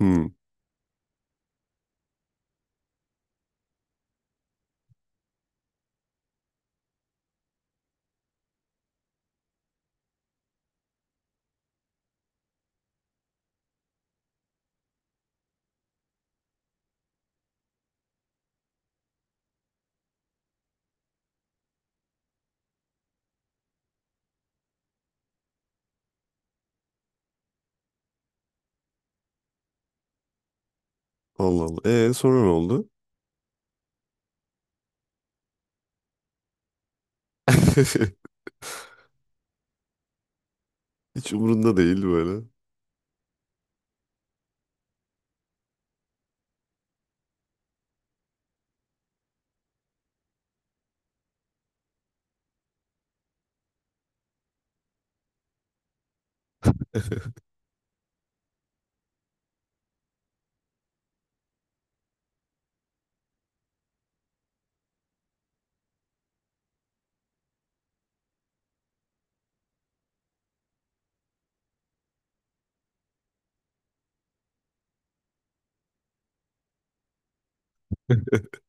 Hmm. Allah Allah. Sonra ne oldu? Hiç umurunda değil böyle.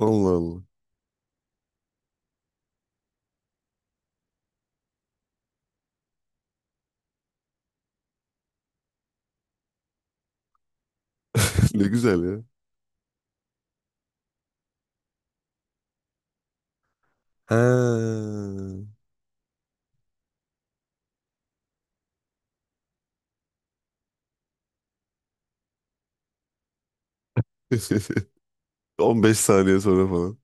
Allah Allah. Ne güzel ya. Ha. 15 saniye sonra falan.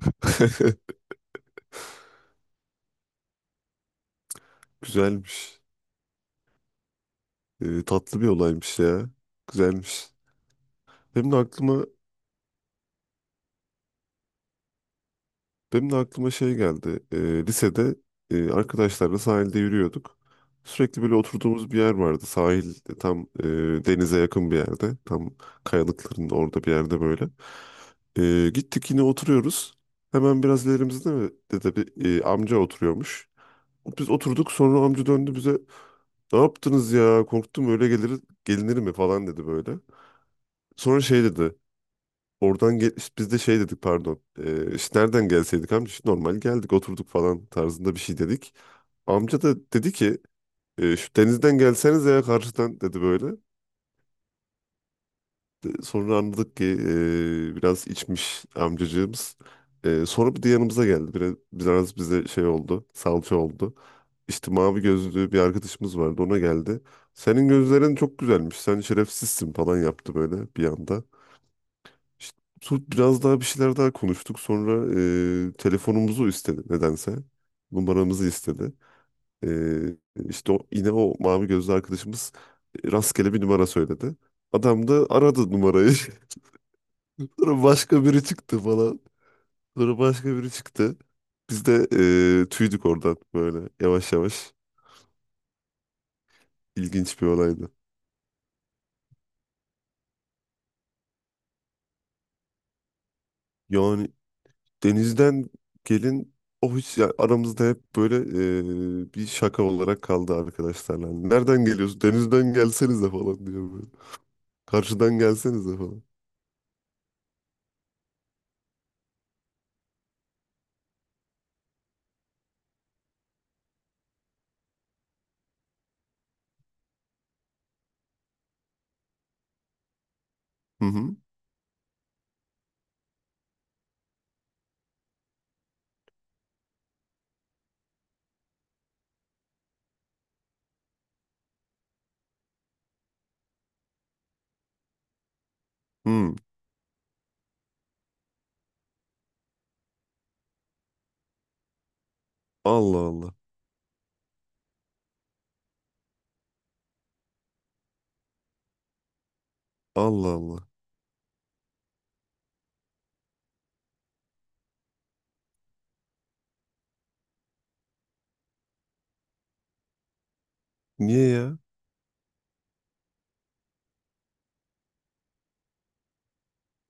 Güzelmiş. Tatlı bir olaymış ya. Güzelmiş. Benim de aklıma Benim de aklıma şey geldi. Lisede arkadaşlarla sahilde yürüyorduk. Sürekli böyle oturduğumuz bir yer vardı. Sahil tam denize yakın bir yerde. Tam kayalıkların orada bir yerde böyle. Gittik yine oturuyoruz. Hemen biraz ilerimizde de bir amca oturuyormuş. Biz oturduk, sonra amca döndü bize. Ne yaptınız ya, korktum, öyle gelinir mi falan dedi böyle. Sonra şey dedi. Oradan gel işte, biz de şey dedik, pardon. İşte nereden gelseydik amca, işte normal geldik oturduk falan tarzında bir şey dedik. Amca da dedi ki: "Şu denizden gelseniz ya, karşıdan" dedi böyle. Sonra anladık ki biraz içmiş amcacığımız. Sonra bir de yanımıza geldi. Biraz, biraz bize şey oldu, salça oldu. İşte mavi gözlü bir arkadaşımız vardı, ona geldi. Senin gözlerin çok güzelmiş, sen şerefsizsin falan yaptı böyle bir anda. İşte biraz daha bir şeyler daha konuştuk. Sonra telefonumuzu istedi nedense. Numaramızı istedi. E, işte o, yine o mavi gözlü arkadaşımız rastgele bir numara söyledi. Adam da aradı numarayı. Sonra başka biri çıktı falan. Sonra başka biri çıktı. Biz de tüydük oradan böyle yavaş yavaş. İlginç bir olaydı. Yani denizden gelin o hiç ya, aramızda hep böyle bir şaka olarak kaldı arkadaşlarla. Hani, nereden geliyorsun? Denizden gelsenize falan diyor böyle. Karşıdan gelsenize falan. Hı hı. Hı. Allah Allah. Allah Allah. Niye ya?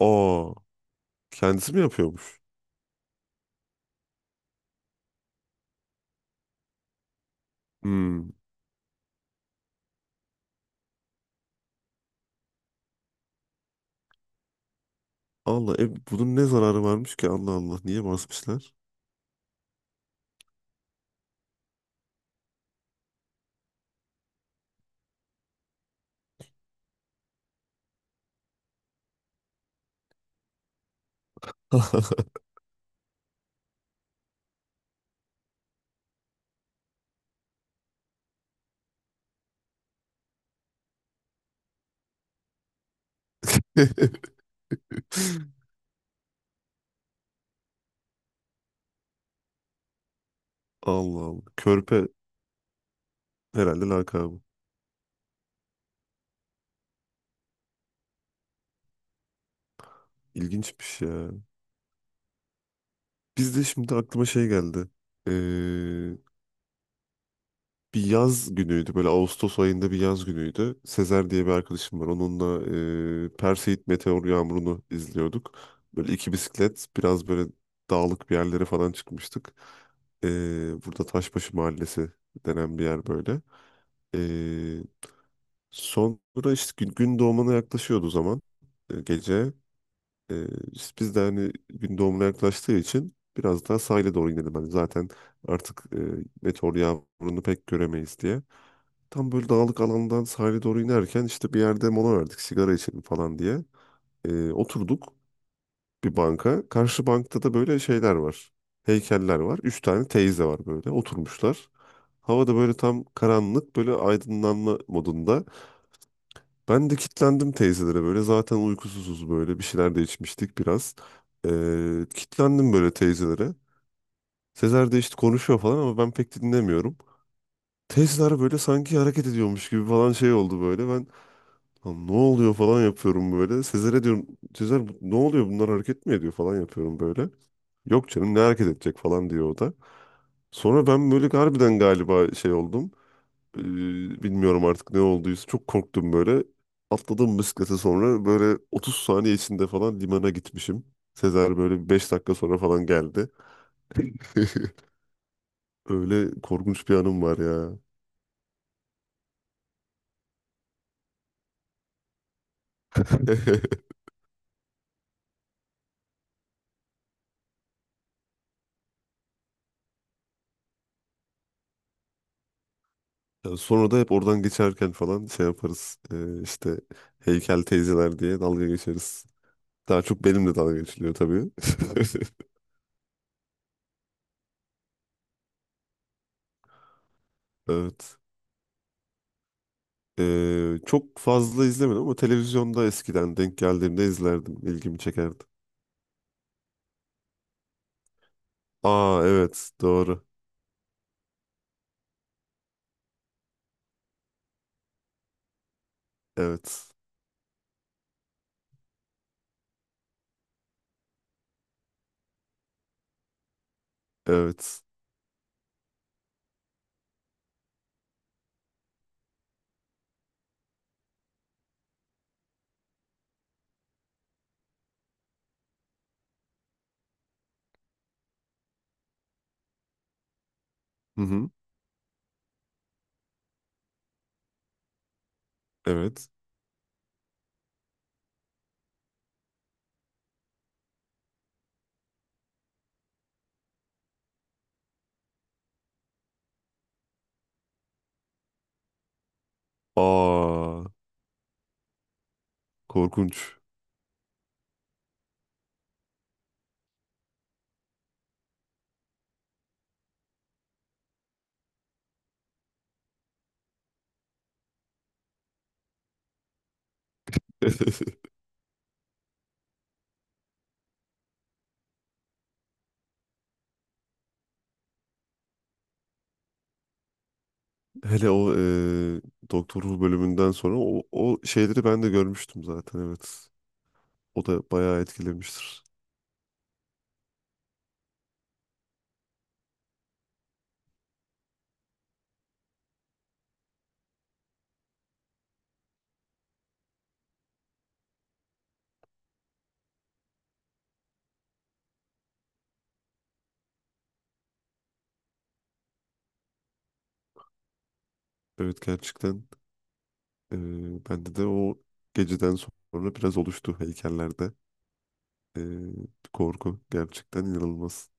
Aa, kendisi mi yapıyormuş? Hmm. Allah, bunun ne zararı varmış ki, Allah Allah, niye basmışlar? Allah Allah. Körpe herhalde lakabı. İlginçmiş ya. Biz de şimdi aklıma şey geldi. Bir yaz günüydü böyle, Ağustos ayında bir yaz günüydü. Sezer diye bir arkadaşım var. Onunla Perseid meteor yağmurunu izliyorduk. Böyle iki bisiklet biraz böyle dağlık bir yerlere falan çıkmıştık. E, burada Taşbaşı Mahallesi denen bir yer böyle. E, sonra işte gün doğumuna yaklaşıyordu o zaman, gece. E, işte biz de hani gün doğumuna yaklaştığı için biraz daha sahile doğru inelim, hani zaten artık meteor yağmurunu pek göremeyiz diye. Tam böyle dağlık alandan sahile doğru inerken işte bir yerde mola verdik, sigara içelim falan diye. Oturduk bir banka. Karşı bankta da böyle şeyler var. Heykeller var. Üç tane teyze var, böyle oturmuşlar. Havada böyle tam karanlık, böyle aydınlanma modunda. Ben de kitlendim teyzelere, böyle zaten uykusuzuz, böyle bir şeyler de içmiştik biraz. Kitlendim böyle teyzelere. Sezer de işte konuşuyor falan ama ben pek dinlemiyorum. Teyzeler böyle sanki hareket ediyormuş gibi falan şey oldu böyle. Ben lan ne oluyor falan yapıyorum böyle. Sezer'e diyorum, Sezer ne oluyor, bunlar hareket mi ediyor falan yapıyorum böyle. Yok canım, ne hareket edecek falan diyor o da. Sonra ben böyle harbiden galiba şey oldum. Ee, bilmiyorum artık ne olduysa, çok korktum böyle. Atladım bisiklete, sonra böyle 30 saniye içinde falan limana gitmişim. Sezer böyle 5 dakika sonra falan geldi. Öyle korkunç bir anım var ya. Yani sonra da hep oradan geçerken falan şey yaparız. İşte heykel teyzeler diye dalga geçeriz. Daha çok benimle dalga geçiliyor tabii. Evet. Çok fazla izlemedim ama televizyonda eskiden denk geldiğimde izlerdim. İlgimi çekerdi. Aa, evet, doğru. Evet. Evet. Hı hı. Evet. Aa, korkunç. Hele o Doktor Who bölümünden sonra o şeyleri ben de görmüştüm zaten, evet. O da bayağı etkilemiştir. Evet, gerçekten bende de o geceden sonra biraz oluştu heykellerde. E, korku gerçekten inanılmaz.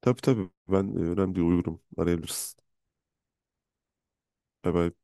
Tabii tabii, ben önemli uyurum. Arayabilirsin. Bye bye.